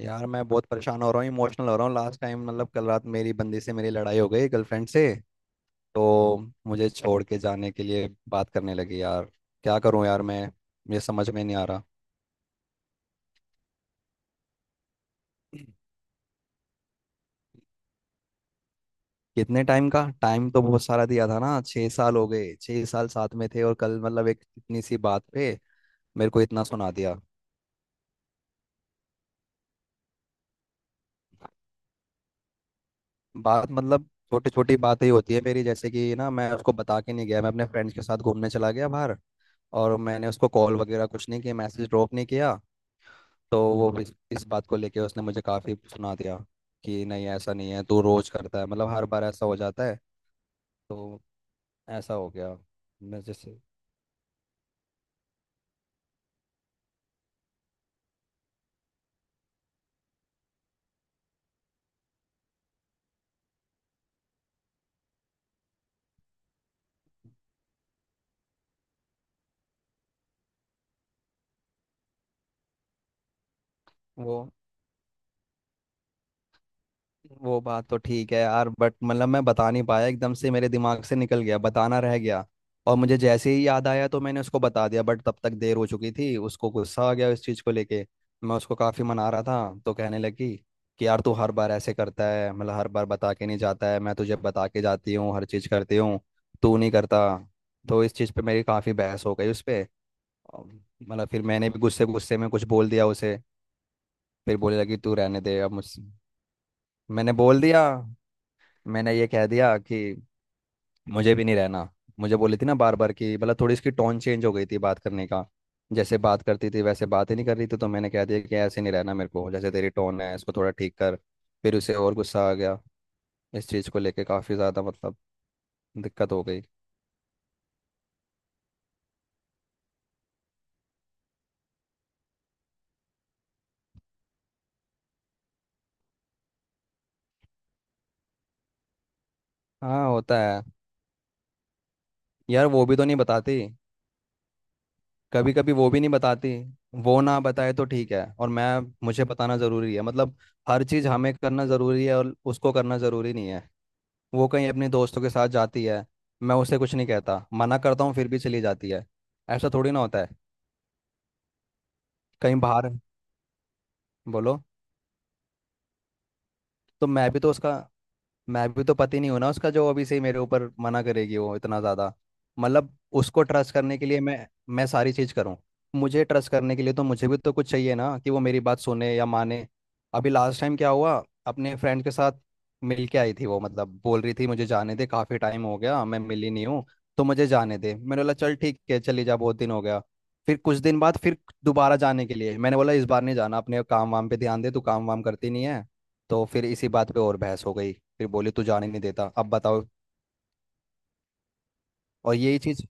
यार मैं बहुत परेशान हो रहा हूँ, इमोशनल हो रहा हूँ। लास्ट टाइम मतलब कल रात मेरी बंदी से मेरी लड़ाई हो गई, गर्लफ्रेंड से। तो मुझे छोड़ के जाने के लिए बात करने लगी यार। क्या करूँ यार? मैं मुझे समझ में नहीं आ रहा। कितने टाइम का? टाइम तो बहुत सारा दिया था ना, 6 साल हो गए। 6 साल साथ में थे और कल मतलब एक इतनी सी बात पे मेरे को इतना सुना दिया। बात मतलब छोटी छोटी बातें ही होती है मेरी। जैसे कि ना, मैं उसको बता के नहीं गया, मैं अपने फ्रेंड्स के साथ घूमने चला गया बाहर। और मैंने उसको कॉल वगैरह कुछ नहीं किया, मैसेज ड्रॉप नहीं किया। तो वो इस बात को लेके उसने मुझे काफ़ी सुना दिया कि नहीं ऐसा नहीं है, तू रोज करता है, मतलब हर बार ऐसा हो जाता है। तो ऐसा हो गया। मैं जैसे वो वो बात तो ठीक है यार, बट मतलब मैं बता नहीं पाया, एकदम से मेरे दिमाग से निकल गया, बताना रह गया। और मुझे जैसे ही याद आया तो मैंने उसको बता दिया, बट तब तक देर हो चुकी थी, उसको गुस्सा आ गया इस चीज़ को लेके। मैं उसको काफ़ी मना रहा था तो कहने लगी कि यार तू हर बार ऐसे करता है, मतलब हर बार बता के नहीं जाता है, मैं तुझे बता के जाती हूँ, हर चीज़ करती हूँ, तू नहीं करता। तो इस चीज़ पे मेरी काफ़ी बहस हो गई उस पर। मतलब फिर मैंने भी गुस्से गुस्से में कुछ बोल दिया उसे। फिर बोलने लगी तू रहने दे अब मुझसे। मैंने बोल दिया, मैंने ये कह दिया कि मुझे भी नहीं रहना। मुझे बोली थी ना बार बार कि मतलब थोड़ी इसकी टोन चेंज हो गई थी बात करने का। जैसे बात करती थी वैसे बात ही नहीं कर रही थी, तो मैंने कह दिया कि ऐसे नहीं रहना मेरे को, जैसे तेरी टोन है इसको थोड़ा ठीक कर। फिर उसे और गुस्सा आ गया इस चीज़ को लेके, काफ़ी ज़्यादा मतलब दिक्कत हो गई। हाँ होता है। यार वो भी तो नहीं बताती, कभी कभी वो भी नहीं बताती। वो ना बताए तो ठीक है, और मैं, मुझे बताना ज़रूरी है, मतलब हर चीज़ हमें करना ज़रूरी है और उसको करना ज़रूरी नहीं है। वो कहीं अपने दोस्तों के साथ जाती है, मैं उसे कुछ नहीं कहता, मना करता हूँ फिर भी चली जाती है। ऐसा थोड़ी ना होता है, कहीं बाहर। बोलो। तो मैं भी तो उसका, मैं भी तो पति नहीं हूं ना उसका, जो अभी से ही मेरे ऊपर मना करेगी वो इतना ज़्यादा मतलब। उसको ट्रस्ट करने के लिए मैं सारी चीज़ करूँ, मुझे ट्रस्ट करने के लिए तो मुझे भी तो कुछ चाहिए ना कि वो मेरी बात सुने या माने। अभी लास्ट टाइम क्या हुआ, अपने फ्रेंड के साथ मिल के आई थी वो, मतलब बोल रही थी मुझे जाने दे, काफ़ी टाइम हो गया, मैं मिली नहीं हूँ, तो मुझे जाने दे। मैंने बोला चल ठीक है चली जा, बहुत दिन हो गया। फिर कुछ दिन बाद फिर दोबारा जाने के लिए मैंने बोला इस बार नहीं जाना, अपने काम वाम पे ध्यान दे, तू काम वाम करती नहीं है। तो फिर इसी बात पे और बहस हो गई। फिर बोली तू जाने नहीं देता, अब बताओ। और यही चीज।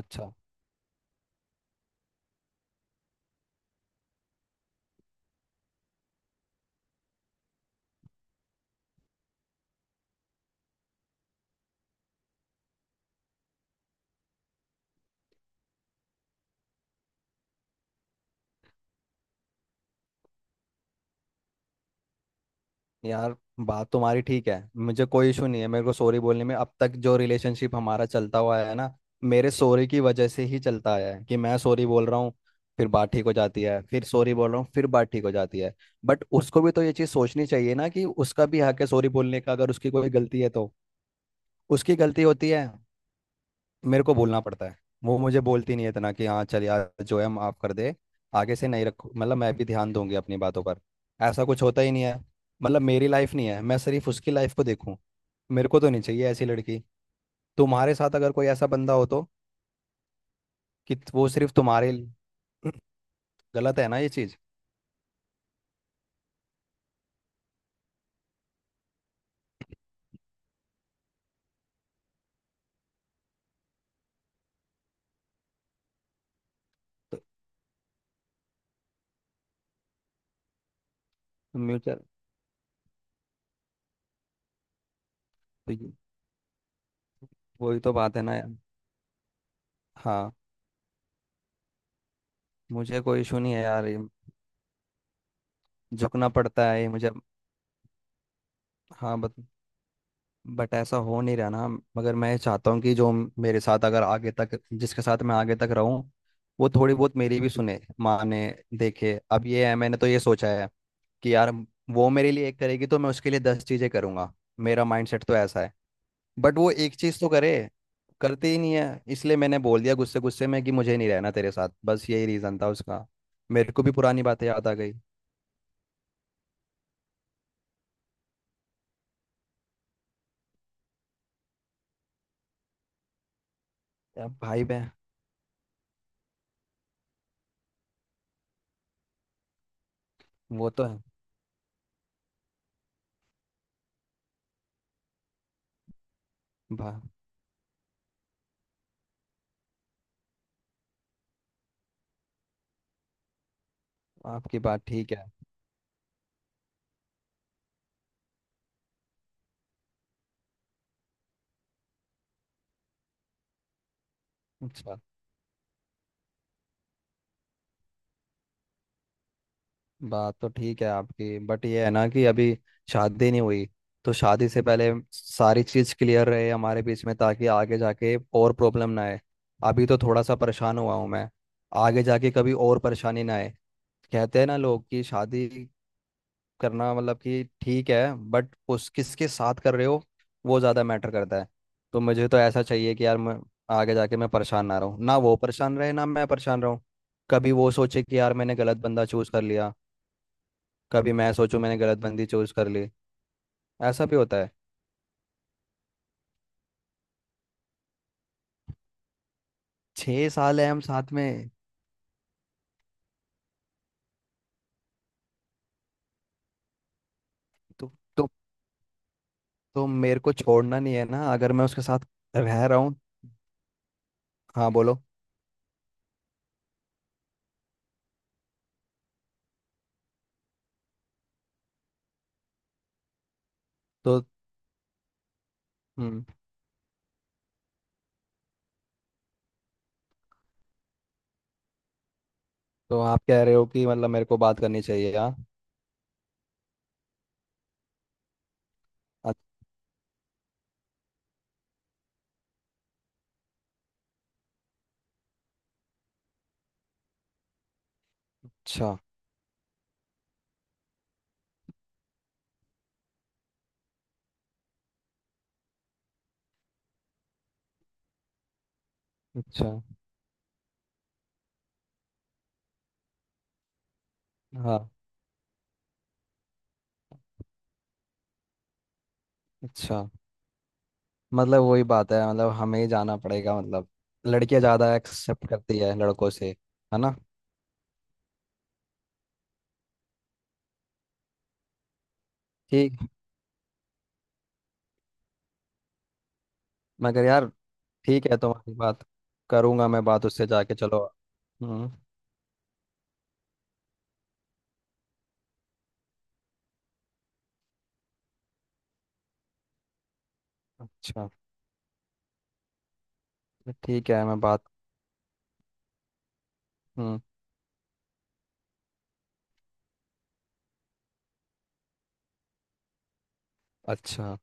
अच्छा। यार बात तुम्हारी ठीक है, मुझे कोई इशू नहीं है मेरे को सॉरी बोलने में। अब तक जो रिलेशनशिप हमारा चलता हुआ है ना, मेरे सॉरी की वजह से ही चलता आया है। कि मैं सॉरी बोल रहा हूँ, फिर बात ठीक हो जाती है, फिर सॉरी बोल रहा हूँ, फिर बात ठीक हो जाती है। बट उसको भी तो ये चीज़ सोचनी चाहिए ना, कि उसका भी हक है सॉरी बोलने का अगर उसकी कोई गलती है तो। उसकी गलती होती है, मेरे को बोलना पड़ता है। वो मुझे बोलती नहीं है इतना कि हाँ चल यार जो है माफ कर दे, आगे से नहीं रखो, मतलब मैं भी ध्यान दूंगी अपनी बातों पर। ऐसा कुछ होता ही नहीं है। मतलब मेरी लाइफ नहीं है, मैं सिर्फ उसकी लाइफ को देखूं। मेरे को तो नहीं चाहिए ऐसी लड़की। तुम्हारे साथ अगर कोई ऐसा बंदा हो तो, कि वो सिर्फ तुम्हारे लिए, गलत है ना ये चीज़? तो म्यूचुअल, तो ये, वही तो बात है ना यार। हाँ मुझे कोई इशू नहीं है यार ये, झुकना पड़ता है ये मुझे। हाँ बत बट ऐसा हो नहीं रहा ना। मगर मैं चाहता हूँ कि जो मेरे साथ, अगर आगे तक जिसके साथ मैं आगे तक रहूँ, वो थोड़ी बहुत मेरी भी सुने माने देखे, अब ये है। मैंने तो ये सोचा है कि यार वो मेरे लिए एक करेगी तो मैं उसके लिए 10 चीज़ें करूँगा, मेरा माइंडसेट तो ऐसा है। बट वो एक चीज़ तो करे। करती ही नहीं है, इसलिए मैंने बोल दिया गुस्से गुस्से में कि मुझे नहीं रहना तेरे साथ, बस यही रीज़न था उसका। मेरे को भी पुरानी बातें याद आ गई। अब भाई बहन। वो तो है। भा, आपकी बात ठीक है। अच्छा बात तो ठीक है आपकी, बट ये है ना कि अभी शादी नहीं हुई। तो शादी से पहले सारी चीज़ क्लियर रहे हमारे बीच में, ताकि आगे जाके और प्रॉब्लम ना आए। अभी तो थोड़ा सा परेशान हुआ हूँ मैं, आगे जाके कभी और परेशानी ना आए। कहते हैं ना लोग कि शादी करना मतलब कि ठीक है, बट उस किसके साथ कर रहे हो वो ज़्यादा मैटर करता है। तो मुझे तो ऐसा चाहिए कि यार मैं आगे जाके मैं परेशान ना रहूँ, ना वो परेशान रहे ना मैं परेशान रहूँ। कभी वो सोचे कि यार मैंने गलत बंदा चूज कर लिया, कभी मैं सोचूं मैंने गलत बंदी चूज कर ली, ऐसा भी होता है। 6 साल है हम साथ में। तो तो मेरे को छोड़ना नहीं है ना अगर मैं उसके साथ रह रहा हूँ। हाँ बोलो। तो हम्म तो आप कह रहे हो कि मतलब मेरे को बात करनी चाहिए यार? अच्छा। अच्छा। हाँ। अच्छा मतलब वही बात है, मतलब हमें ही जाना पड़ेगा, मतलब लड़कियां ज़्यादा एक्सेप्ट करती है लड़कों से, है ना? ठीक मगर यार, ठीक है तुम्हारी बात, करूंगा मैं बात उससे जाके चलो। हम्म। अच्छा। ठीक है मैं बात। हम्म। अच्छा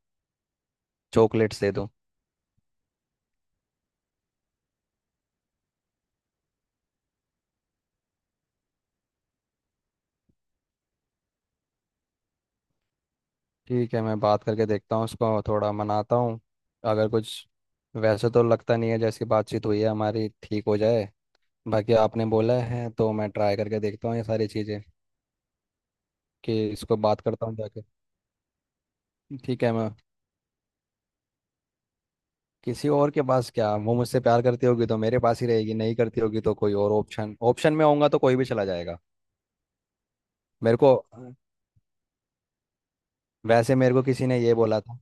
चॉकलेट्स दे दूँ? ठीक है, मैं बात करके देखता हूँ, उसको थोड़ा मनाता हूँ। अगर कुछ, वैसे तो लगता नहीं है जैसी बातचीत हुई है हमारी ठीक हो जाए। बाकी आपने बोला है तो मैं ट्राई करके देखता हूँ ये सारी चीज़ें, कि इसको बात करता हूँ जाके। ठीक है, मैं। किसी और के पास क्या, वो मुझसे प्यार करती होगी तो मेरे पास ही रहेगी, नहीं करती होगी तो कोई और ऑप्शन ऑप्शन में होऊंगा तो कोई भी चला जाएगा। मेरे को वैसे मेरे को किसी ने ये बोला था,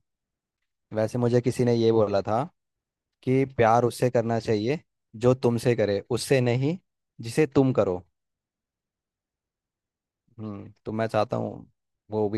वैसे मुझे किसी ने ये बोला था कि प्यार उससे करना चाहिए जो तुमसे करे, उससे नहीं जिसे तुम करो। तो मैं चाहता हूँ वो।